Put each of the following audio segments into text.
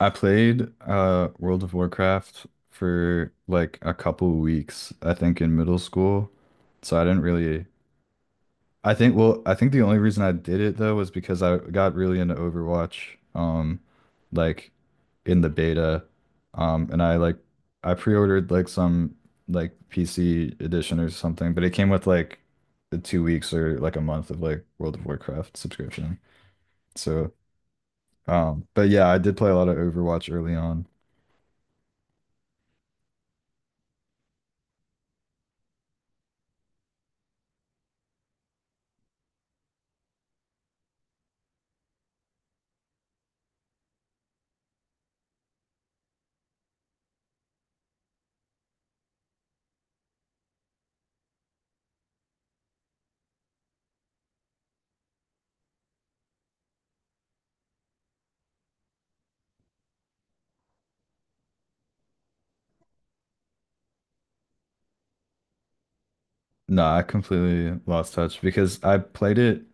I played World of Warcraft for like a couple weeks, I think in middle school. So I didn't really. I think well, I think the only reason I did it though was because I got really into Overwatch, like in the beta. And I like I pre-ordered like some like PC edition or something, but it came with like the 2 weeks or like a month of like World of Warcraft subscription. So but yeah, I did play a lot of Overwatch early on. No, I completely lost touch because I played it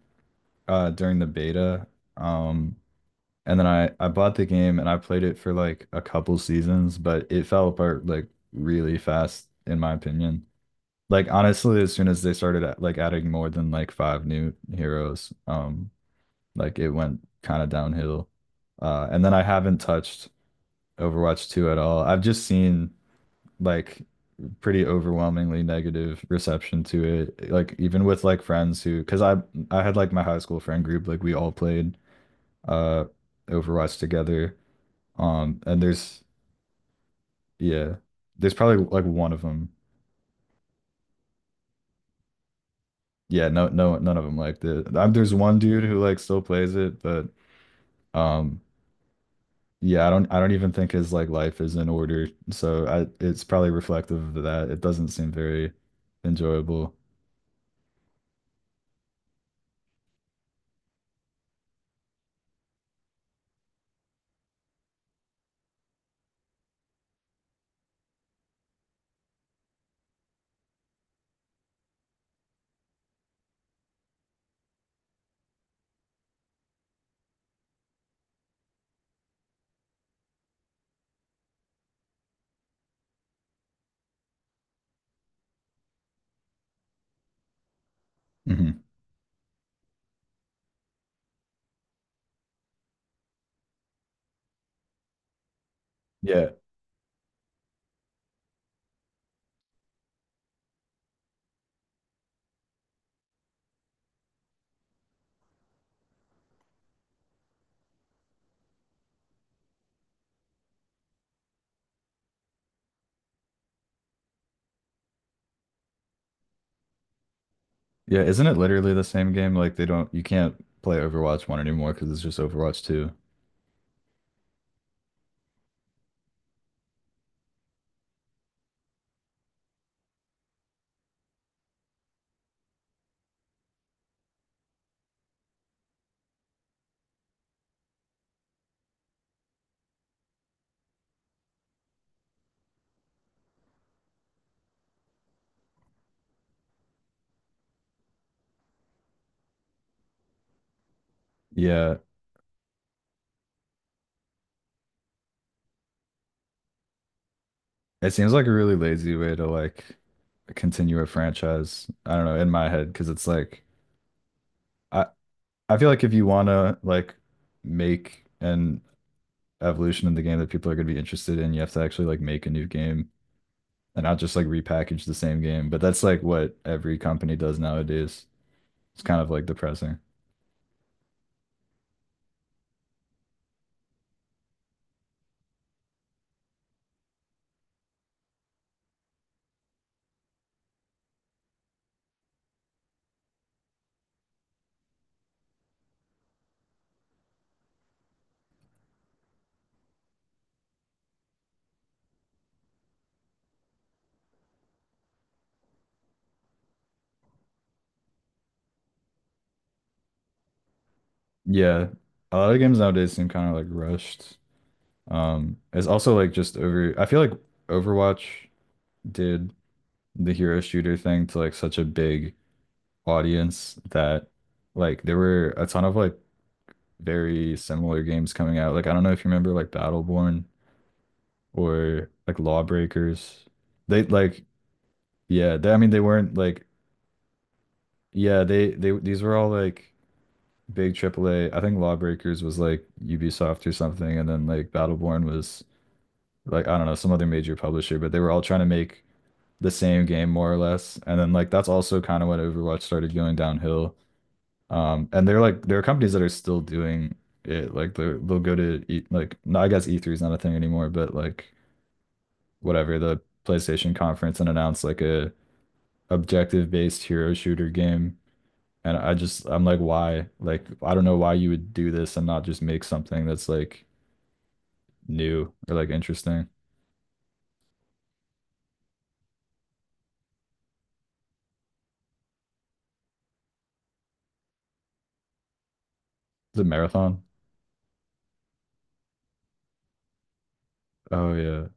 during the beta. Um and then I bought the game and I played it for like a couple seasons, but it fell apart like really fast in my opinion. Like honestly, as soon as they started at, like adding more than like five new heroes, like it went kind of downhill. And then I haven't touched Overwatch 2 at all. I've just seen like pretty overwhelmingly negative reception to it. Like even with like friends who, because I had like my high school friend group, like we all played uh Overwatch together. And there's yeah, there's probably like one of them. Yeah, no, no, none of them liked it. There's one dude who like still plays it, but um, yeah, I don't even think his like life is in order. So I, it's probably reflective of that. It doesn't seem very enjoyable. Hmm. Yeah, yeah, isn't it literally the same game? Like they don't, you can't play Overwatch 1 anymore because it's just Overwatch 2. Yeah, it seems like a really lazy way to like continue a franchise. I don't know, in my head, because it's like I I feel like if you want to like make an evolution in the game that people are going to be interested in, you have to actually like make a new game and not just like repackage the same game. But that's like what every company does nowadays. It's kind of like depressing. Yeah, a lot of games nowadays seem kind of like rushed. It's also like just over, I feel like Overwatch did the hero shooter thing to like such a big audience that like there were a ton of like very similar games coming out. Like, I don't know if you remember like Battleborn or like Lawbreakers. They like, yeah, they, I mean, they weren't like, yeah, these were all like big AAA. I think Lawbreakers was like Ubisoft or something. And then like Battleborn was like, I don't know, some other major publisher, but they were all trying to make the same game more or less. And then like that's also kind of when Overwatch started going downhill. And they're like there are companies that are still doing it. Like they will go to e like no, I guess E3 is not a thing anymore, but like whatever the PlayStation conference and announce like a objective based hero shooter game. And I just I'm like why? Like I don't know why you would do this and not just make something that's like new or like interesting. The marathon. Oh yeah.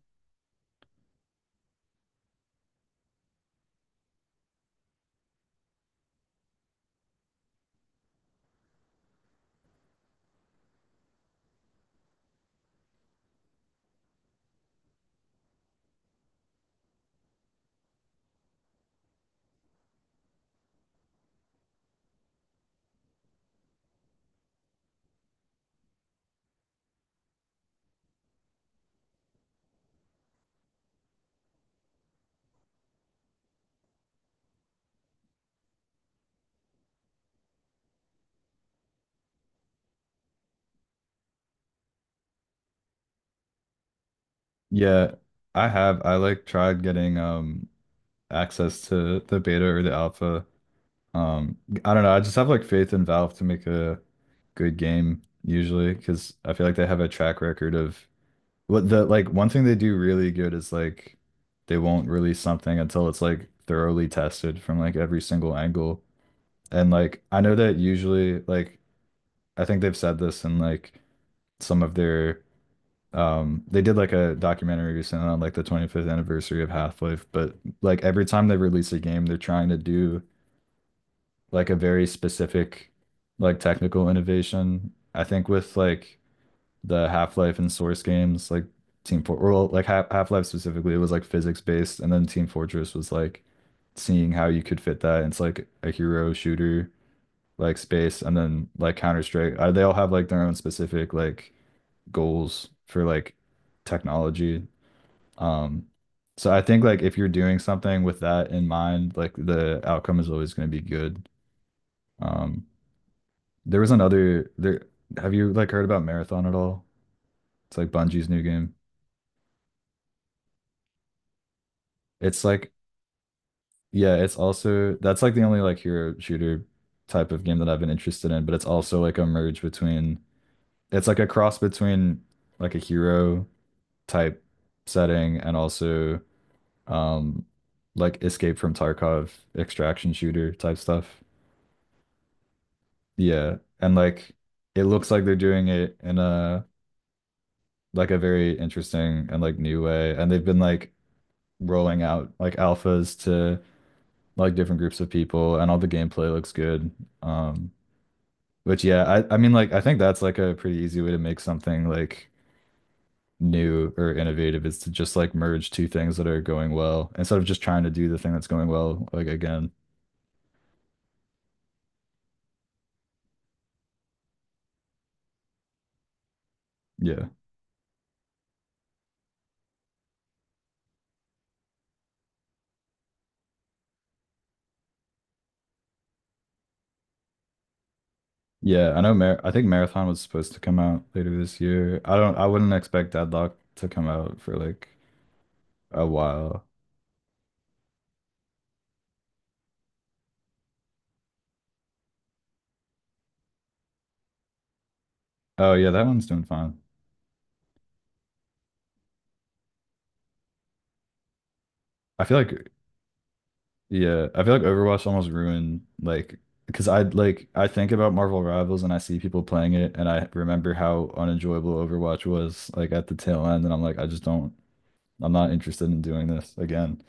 Yeah, I have. I like tried getting access to the beta or the alpha. Um, I don't know. I just have like faith in Valve to make a good game usually because I feel like they have a track record of what the like one thing they do really good is like they won't release something until it's like thoroughly tested from like every single angle. And like I know that usually like I think they've said this in like some of their they did like a documentary recently on like the 25th anniversary of Half-Life, but like every time they release a game, they're trying to do like a very specific like technical innovation. I think with like the Half-Life and Source games, like Team Fort or like Half-Life specifically, it was like physics based, and then Team Fortress was like seeing how you could fit that. It's like a hero shooter like space, and then like Counter-Strike. They all have like their own specific like goals for like technology. Um, so I think like if you're doing something with that in mind, like the outcome is always going to be good. Um, there was another there have you like heard about Marathon at all? It's like Bungie's new game. It's like yeah, it's also that's like the only like hero shooter type of game that I've been interested in, but it's also like a merge between it's like a cross between like a hero type setting and also um like Escape from Tarkov extraction shooter type stuff. Yeah. And like it looks like they're doing it in a like a very interesting and like new way. And they've been like rolling out like alphas to like different groups of people and all the gameplay looks good. Um, but yeah, I mean like I think that's like a pretty easy way to make something like new or innovative is to just like merge two things that are going well instead of just trying to do the thing that's going well like again. Yeah. Yeah, I know Mar I think Marathon was supposed to come out later this year. I don't I wouldn't expect Deadlock to come out for like a while. Oh yeah, that one's doing fine. I feel like yeah, I feel like Overwatch almost ruined like because I like I think about Marvel Rivals and I see people playing it and I remember how unenjoyable Overwatch was like at the tail end and I'm like I just don't I'm not interested in doing this again.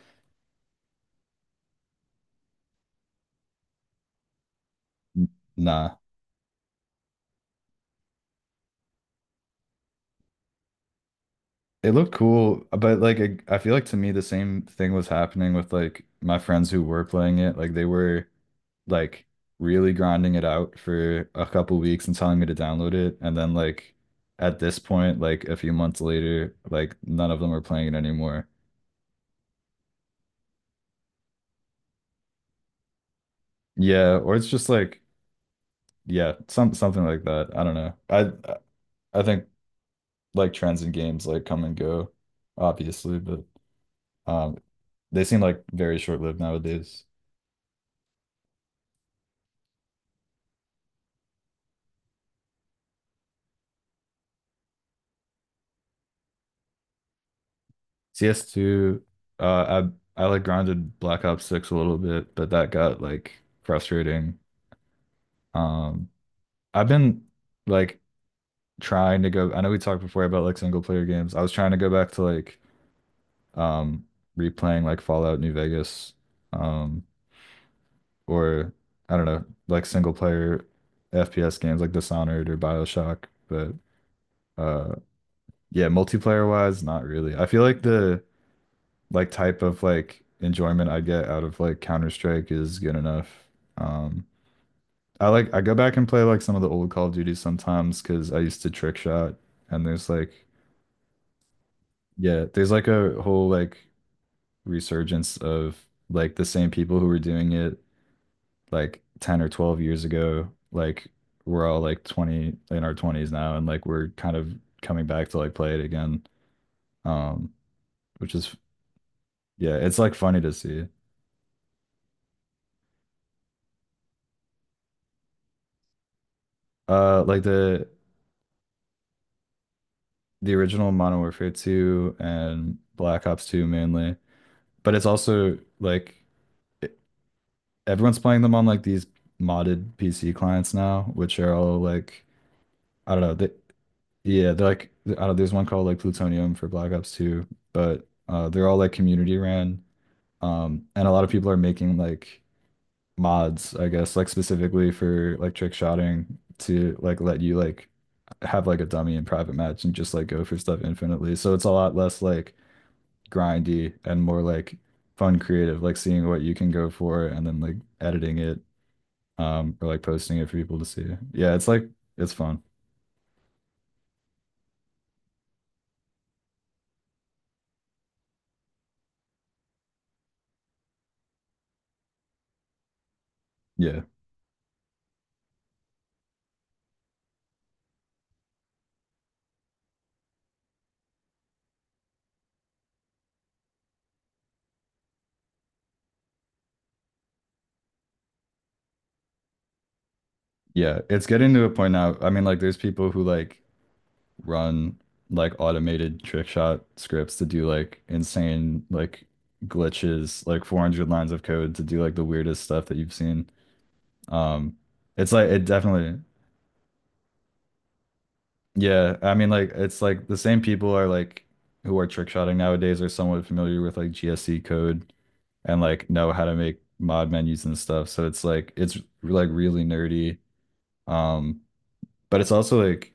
N- Nah. It looked cool, but like I feel like to me the same thing was happening with like my friends who were playing it. Like they were like really grinding it out for a couple weeks and telling me to download it. And then like at this point, like a few months later, like none of them are playing it anymore. Yeah, or it's just like yeah, something like that. I don't know. I think like trends in games like come and go, obviously, but um they seem like very short-lived nowadays. CS2, uh I like grounded Black Ops 6 a little bit, but that got like frustrating. Um I've been like trying to go. I know we talked before about like single player games. I was trying to go back to like um replaying like Fallout New Vegas, um, or I don't know, like single player FPS games like Dishonored or BioShock. But uh yeah, multiplayer wise, not really. I feel like the like type of like enjoyment I get out of like Counter-Strike is good enough. Um I like I go back and play like some of the old Call of Duty sometimes because I used to trick shot and there's like yeah, there's like a whole like resurgence of like the same people who were doing it like 10 or 12 years ago. Like we're all like 20 in our 20s now and like we're kind of coming back to like play it again. Um, which is yeah, it's like funny to see. Like the original Modern Warfare 2 and Black Ops 2 mainly, but it's also like e- everyone's playing them on like these modded PC clients now, which are all like I don't know. They, yeah, they're like I don't there's one called like Plutonium for Black Ops 2, but they're all like community ran. And a lot of people are making like mods, I guess, like specifically for like trick shotting to like let you like have like a dummy in private match and just like go for stuff infinitely. So it's a lot less like grindy and more like fun creative, like seeing what you can go for and then like editing it or like posting it for people to see. Yeah, it's like it's fun. Yeah. Yeah, it's getting to a point now. I mean, like, there's people who like run like automated trick shot scripts to do like insane like glitches, like 400 lines of code to do like the weirdest stuff that you've seen. Um, it's like it definitely, yeah. I mean, like, it's like the same people are like who are trick shotting nowadays are somewhat familiar with like GSC code and like know how to make mod menus and stuff. So it's like really nerdy. Um, but it's also like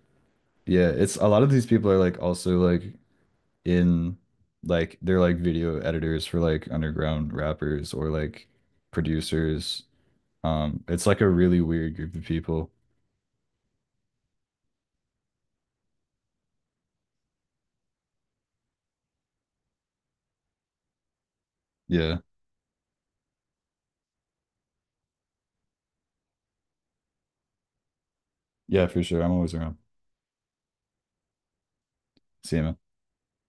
yeah, it's a lot of these people are like also like in like they're like video editors for like underground rappers or like producers. It's like a really weird group of people. Yeah. Yeah, for sure. I'm always around. See you, man.